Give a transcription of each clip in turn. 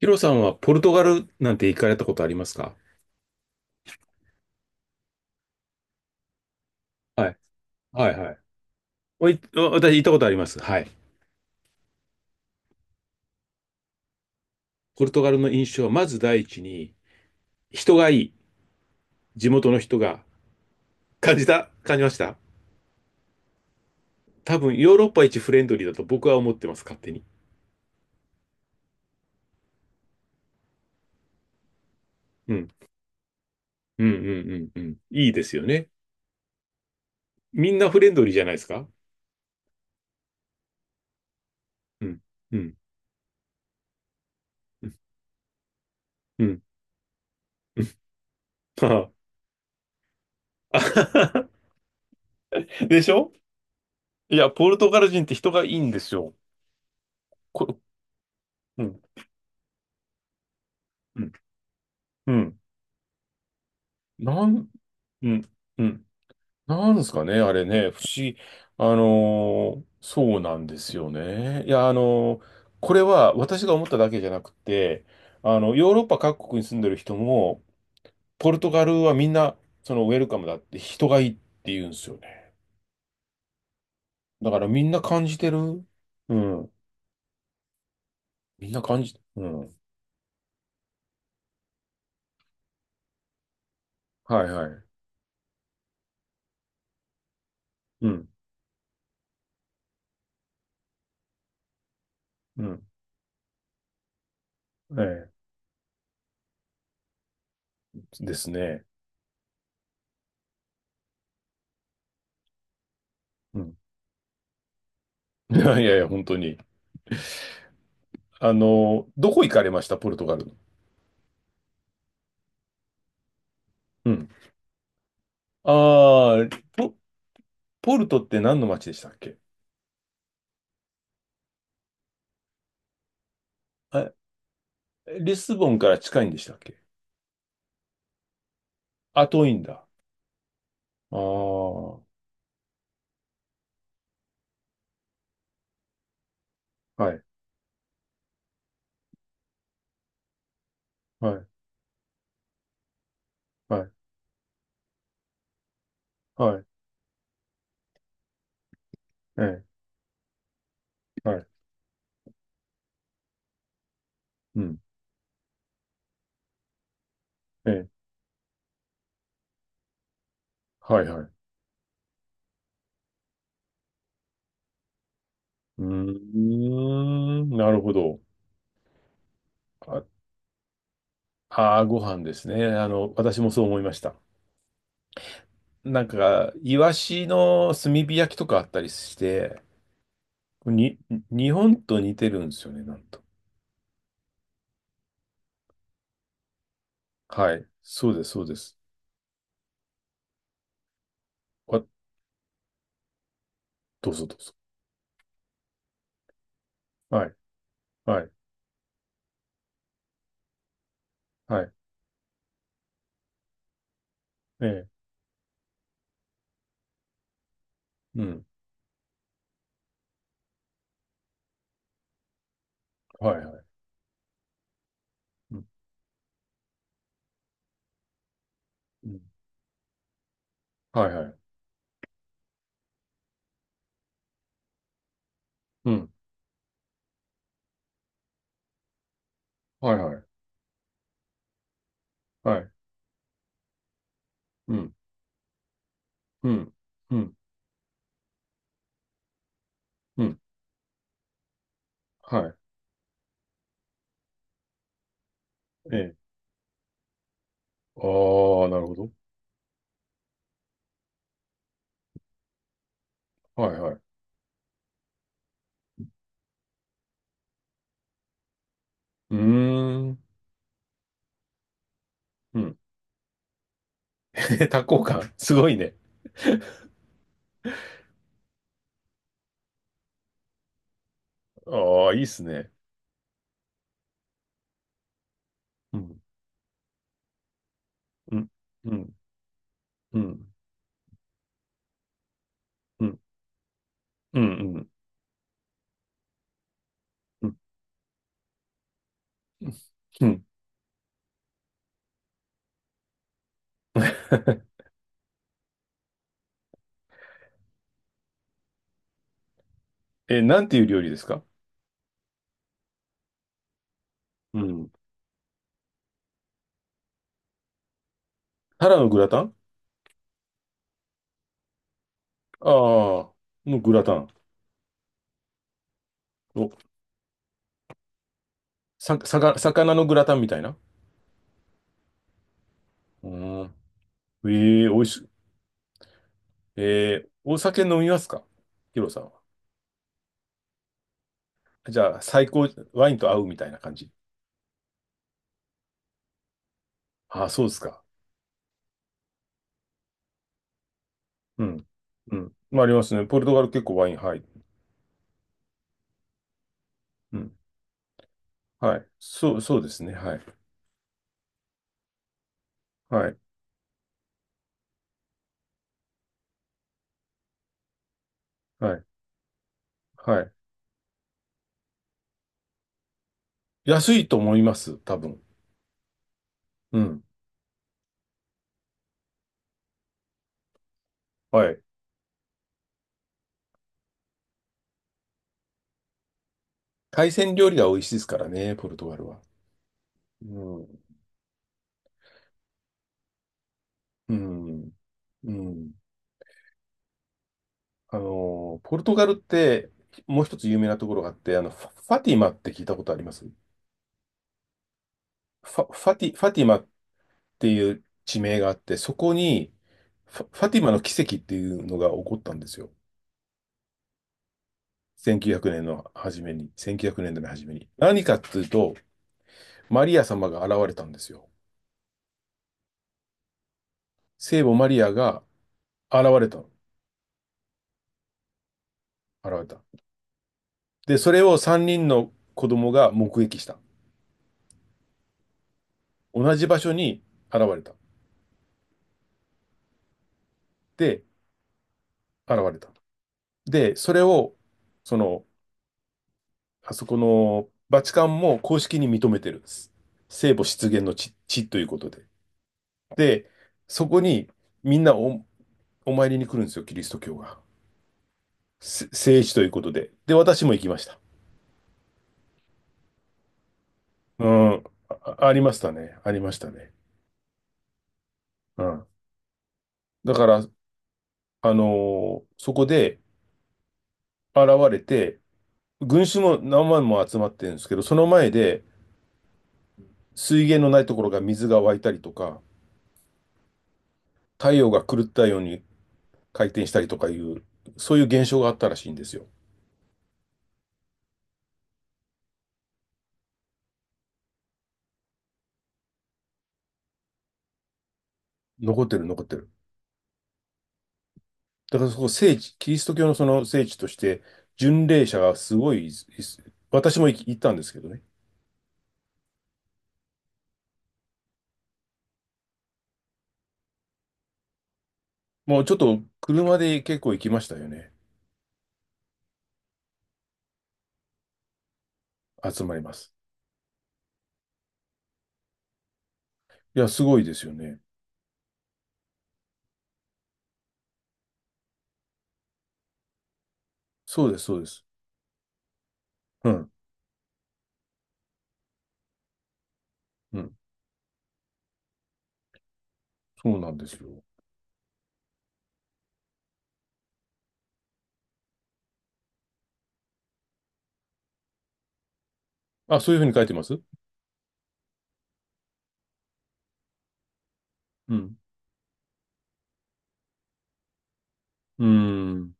ヒロさんはポルトガルなんて行かれたことありますか？はい。はいはい。おい、お私行ったことあります。はい。ポルトガルの印象は、まず第一に、人がいい。地元の人が。感じました。多分、ヨーロッパ一フレンドリーだと僕は思ってます、勝手に。うん。うんうんうんうん。いいですよね。みんなフレンドリーじゃないですか？うん。うん。うん。うん。はあははでしょ。いや、ポルトガル人って人がいいんですよ。こ、うん。うん。うん。なん、うん。うんなんですかね、あれね、不思議。そうなんですよね。いや、これは私が思っただけじゃなくて、ヨーロッパ各国に住んでる人も、ポルトガルはみんな、ウェルカムだって人がいいって言うんですよね。だからみんな感じてる。うん。みんな感じ、うん。はいはい。うん。うん。ええ。ですね。うん。いやいやいや、本当に。どこ行かれました、ポルトガルの？うん。ああ、ポポルトって何の町でしたっけ？あ、リスボンから近いんでしたっけ？あ、遠いんだ。ああ、はい、はい、はい、はい、ええ、はい、うん、ええ、はい、はい。うーん、なるほど。あ、ご飯ですね。私もそう思いました。なんか、イワシの炭火焼きとかあったりして、に、日本と似てるんですよね、なんと。はい。そうです、そうです。あ、どうぞどうぞ。はい、はい、はい。ええ、うん。はい、うん、うん、はいはい。うん、はいはい。はい。うん、うん、うん、うん、はい。ええ。ああ、なるほど。はいはい。うーん、うん。多幸感、すごいね。ああ、いいっすね。うん、うん、うん、うん、うん、うん、うん、うん、うん。え、なんていう料理ですか？うん。タラのグラタン。ああー、のグラタン。お、さ、さか魚のグラタンみたいな。うん。ええ美味し、お酒飲みますか、ヒロさんは？じゃあ、最高、ワインと合うみたいな感じ。ああ、そうですか。うん。うん。まあ、ありますね。ポルトガル結構ワイン、はい。うん。はい。そう、そうですね。はい。はい。はい。はい。安いと思います。多分。うん。はい。海鮮料理が美味しいですからね、ポルトガルは。うん。うん。うん。ポルトガルって、もう一つ有名なところがあって、ファティマって聞いたことあります？ファティマっていう地名があって、そこにファティマの奇跡っていうのが起こったんですよ。1900年の初めに、1900年の初めに。何かっていうと、マリア様が現れたんですよ。聖母マリアが現れたの。現れた。で、それを3人の子供が目撃した。同じ場所に現れた。で、現れた。で、それを、その、あそこのバチカンも公式に認めてるんです。聖母出現の地ということで。で、そこにみんなお参りに来るんですよ、キリスト教が。聖地ということで。で、私も行きました。うん。あ、ありましたね。ありましたね。うん。だから、そこで現れて、群衆も何万も集まってるんですけど、その前で水源のないところが水が湧いたりとか、太陽が狂ったように回転したりとかいう、そういう現象があったらしいんですよ。残ってる、残ってる。だからそこ聖地、キリスト教のその聖地として、巡礼者がすごい、私も行ったんですけどね。もうちょっと車で結構行きましたよね。集まります。いや、すごいですよね。そうです、そうです。うん、うん、そうなんですよ。あ、そういうふうに書いてます？うん、うん、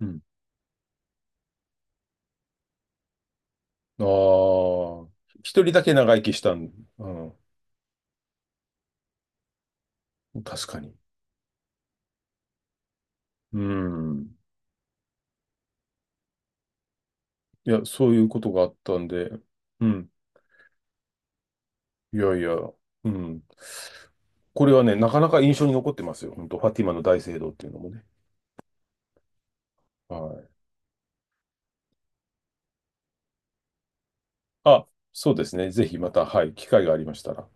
うん。ああ、一人だけ長生きしたん、うん、確かに。うん。いや、そういうことがあったんで、うん。いやいや、うん。これはね、なかなか印象に残ってますよ。本当ファティマの大聖堂っていうのもね。はい。あ、そうですね。ぜひまた、はい、機会がありましたら。